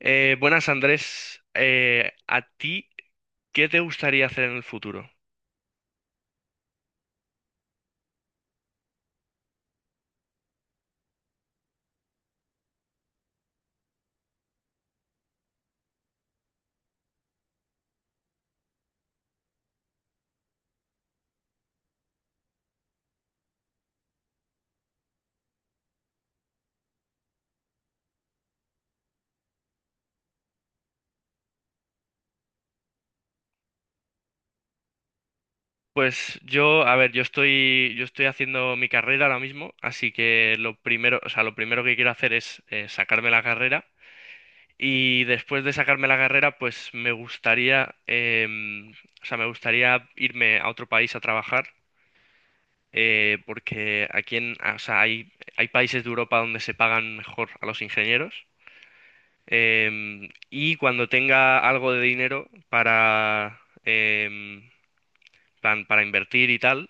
Buenas, Andrés. ¿A ti qué te gustaría hacer en el futuro? Pues yo, a ver, yo estoy haciendo mi carrera ahora mismo, así que lo primero, o sea, lo primero que quiero hacer es sacarme la carrera y después de sacarme la carrera, pues me gustaría, o sea, me gustaría irme a otro país a trabajar, porque o sea, hay países de Europa donde se pagan mejor a los ingenieros. Y cuando tenga algo de dinero para, plan, para invertir y tal,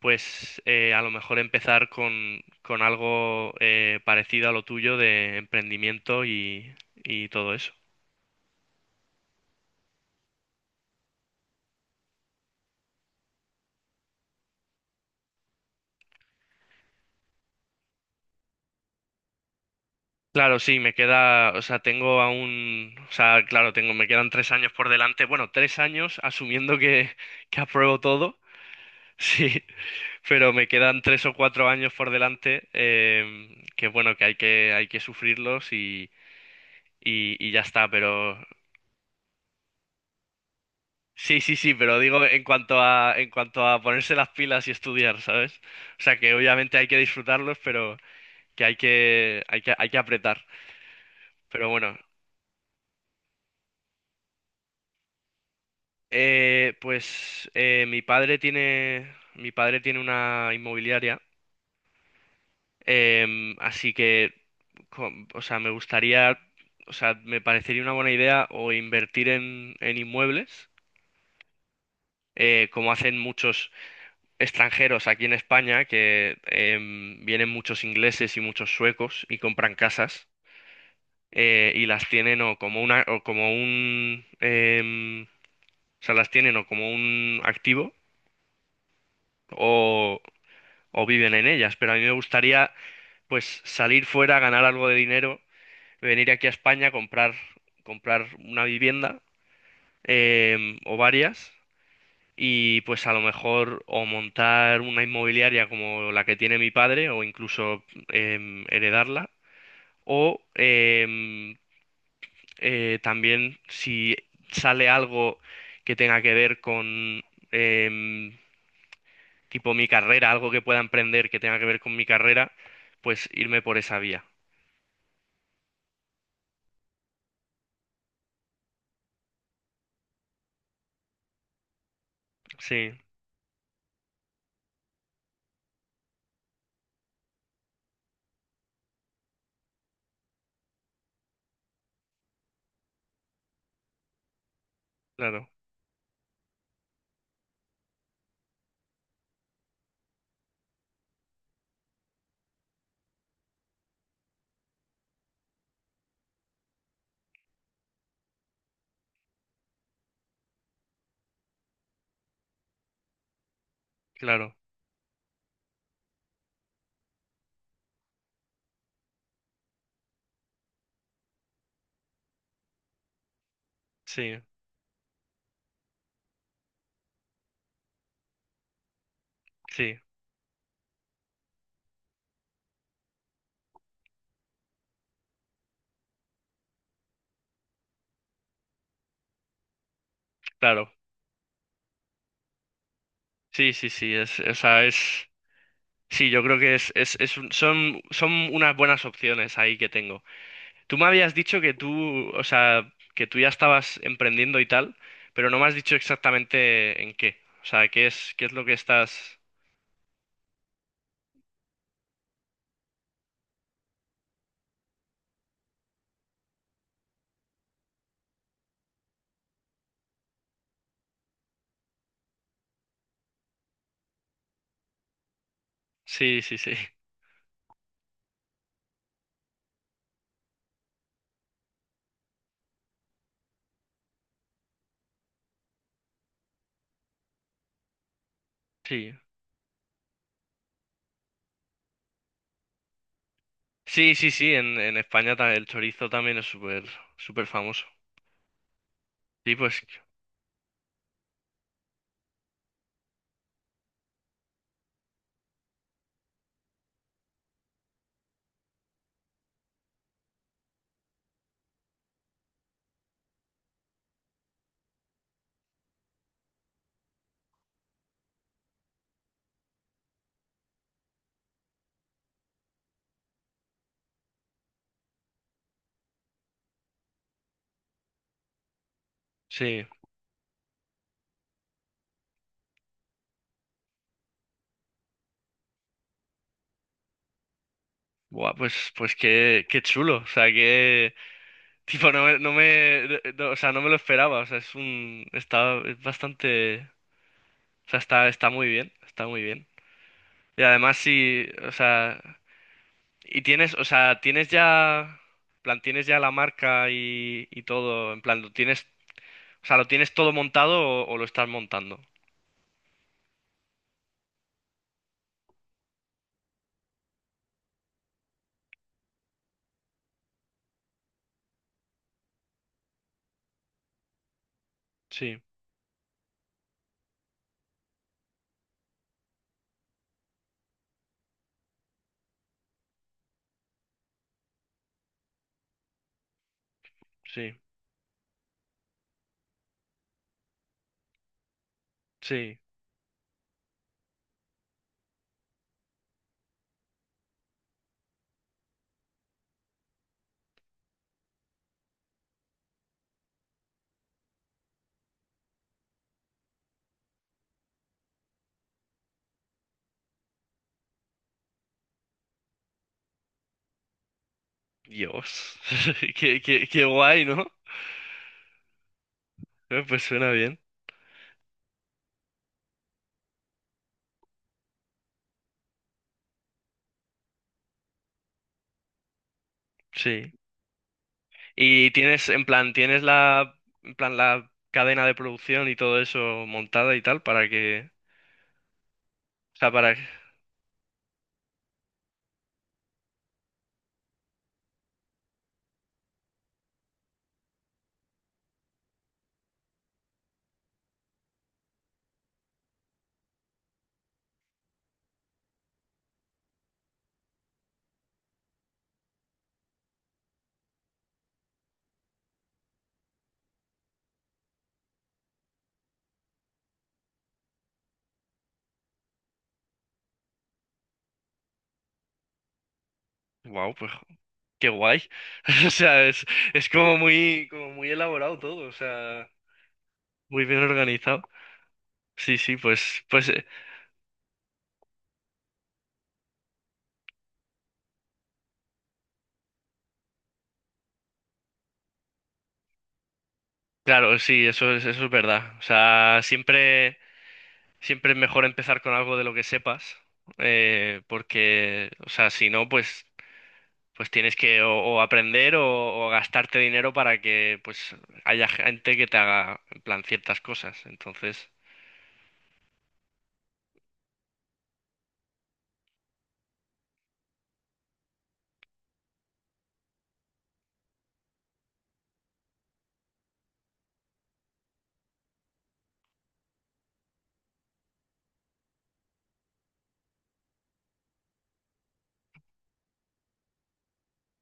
pues a lo mejor empezar con algo parecido a lo tuyo de emprendimiento y todo eso. Claro, sí, me queda, o sea, tengo aún, o sea, claro, tengo, me quedan tres años por delante, bueno, tres años asumiendo que apruebo todo, sí. Pero me quedan tres o cuatro años por delante, que bueno, que hay que sufrirlos y ya está, pero sí, sí, sí, pero digo en cuanto en cuanto a ponerse las pilas y estudiar, ¿sabes? O sea que obviamente hay que disfrutarlos, pero que hay que apretar. Pero bueno, mi padre tiene una inmobiliaria. Así que, com- o sea, me gustaría, o sea, me parecería una buena idea o invertir en inmuebles, como hacen muchos extranjeros aquí en España, que vienen muchos ingleses y muchos suecos y compran casas y las tienen o como una, o como un, o sea, las tienen o como un activo o, o viven en ellas. Pero a mí me gustaría, pues, salir fuera, ganar algo de dinero, venir aquí a España, comprar una vivienda o varias y pues a lo mejor o montar una inmobiliaria como la que tiene mi padre o incluso heredarla o también si sale algo que tenga que ver con em, tipo mi carrera, algo que pueda emprender que tenga que ver con mi carrera, pues irme por esa vía. Sí, claro, claro, sí, sí, claro. Sí, sí, sí, es, o sea, es, sí, yo creo que es un- son, son unas buenas opciones ahí que tengo. Tú me habías dicho que tú, o sea, que tú ya estabas emprendiendo y tal, pero no me has dicho exactamente en qué. O sea, qué es lo que estás. Sí, sí, sí, sí. Sí, sí, sí, en España ta- el chorizo también es súper, súper famoso. Sí, pues, sí. Buah, pues, pues qué, qué chulo, o sea, que... Tipo, no me, no me, no- o sea, no me lo esperaba, o sea, es un, está, es bastante, o sea, está, está muy bien, está muy bien. Y además sí, o sea, y tienes, o sea, tienes ya, en plan, tienes ya la marca y todo, en plan, lo tienes, o sea, lo tienes todo montado o lo estás montando. Sí, sí, sí. Dios, qué, qué, qué guay, ¿no? Pues suena bien, sí. Y tienes, en plan, tienes la, en plan, la cadena de producción y todo eso montada y tal para que, o sea, para, wow, pues, qué guay. O sea, es como muy elaborado todo, o sea, muy bien organizado. Sí, sí, pues, pues, claro, sí, eso es verdad. O sea, siempre, siempre es mejor empezar con algo de lo que sepas, porque, o sea, si no, pues pues tienes que o aprender o gastarte dinero para que pues haya gente que te haga en plan ciertas cosas. Entonces,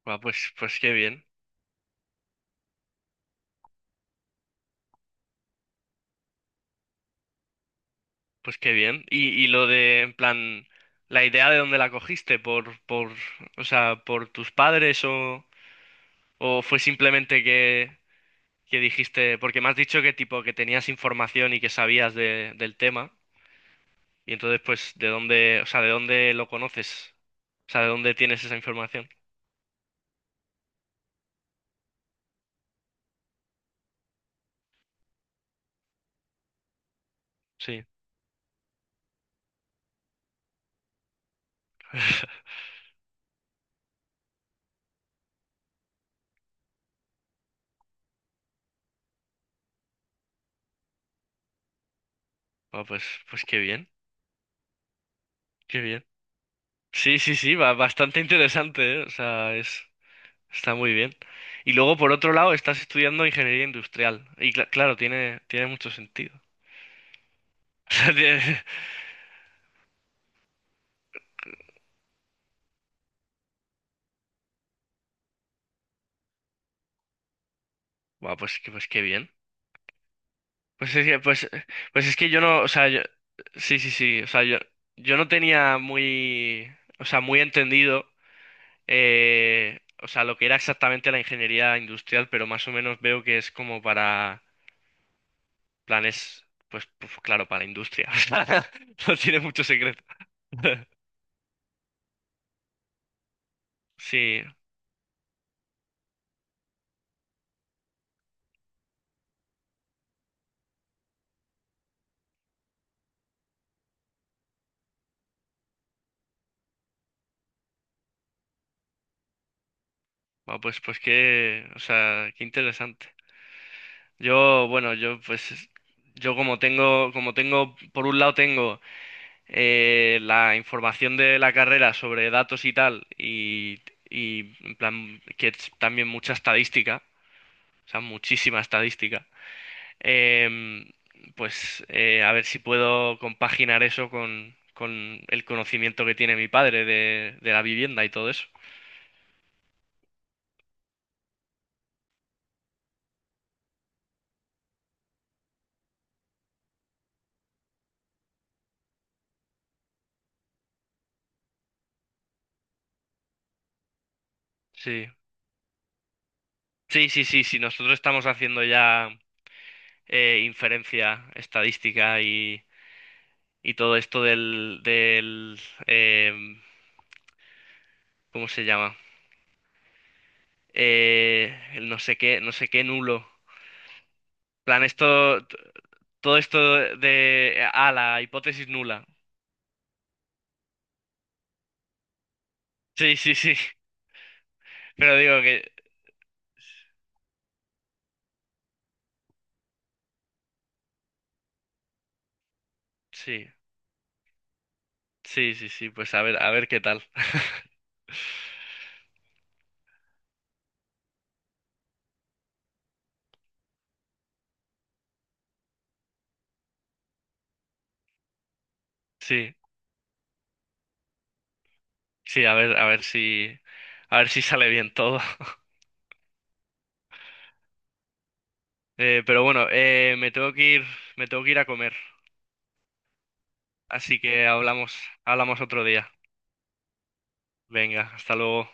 va, pues, pues qué bien, pues qué bien. Y lo de, en plan, la idea de dónde la cogiste, o sea, por tus padres o fue simplemente que dijiste, porque me has dicho que tipo que tenías información y que sabías de, del tema, y entonces pues de dónde, o sea, de dónde lo conoces, o sea, de dónde tienes esa información. Sí. Ah, pues, pues qué bien, qué bien. Sí, sí, sí, va bastante interesante, ¿eh? O sea, es, está muy bien. Y luego, por otro lado, estás estudiando ingeniería industrial. Y cla- claro, tiene, tiene mucho sentido. O sea, tiene- Buah, pues, que- pues qué bien. Pues es que, pues, pues es que yo no, o sea, yo, sí, sí, sí, o sea, yo no tenía muy, o sea, muy entendido, o sea, lo que era exactamente la ingeniería industrial, pero más o menos veo que es como para planes, pues, pues claro, para la industria. O sea, no tiene mucho secreto. Sí, bueno, pues, pues qué, o sea, qué interesante. Yo, bueno, yo pues, como tengo, por un lado tengo la información de la carrera sobre datos y tal, y en plan, que es también mucha estadística, o sea, muchísima estadística. Em, pues a ver si puedo compaginar eso con el conocimiento que tiene mi padre de la vivienda y todo eso. Sí. Sí, sí, sí, sí. Nosotros estamos haciendo ya inferencia estadística y todo esto del em, ¿cómo se llama? El no sé qué, no sé qué nulo. En plan, esto, t- todo esto de, ah, la hipótesis nula. Sí, sí, sí. Pero digo que sí. Sí, sí, sí, pues a ver qué tal. Sí, sí, a ver, a ver si sale bien todo. Pero bueno, me tengo que ir a comer, así que hablamos, hablamos otro día. Venga, hasta luego.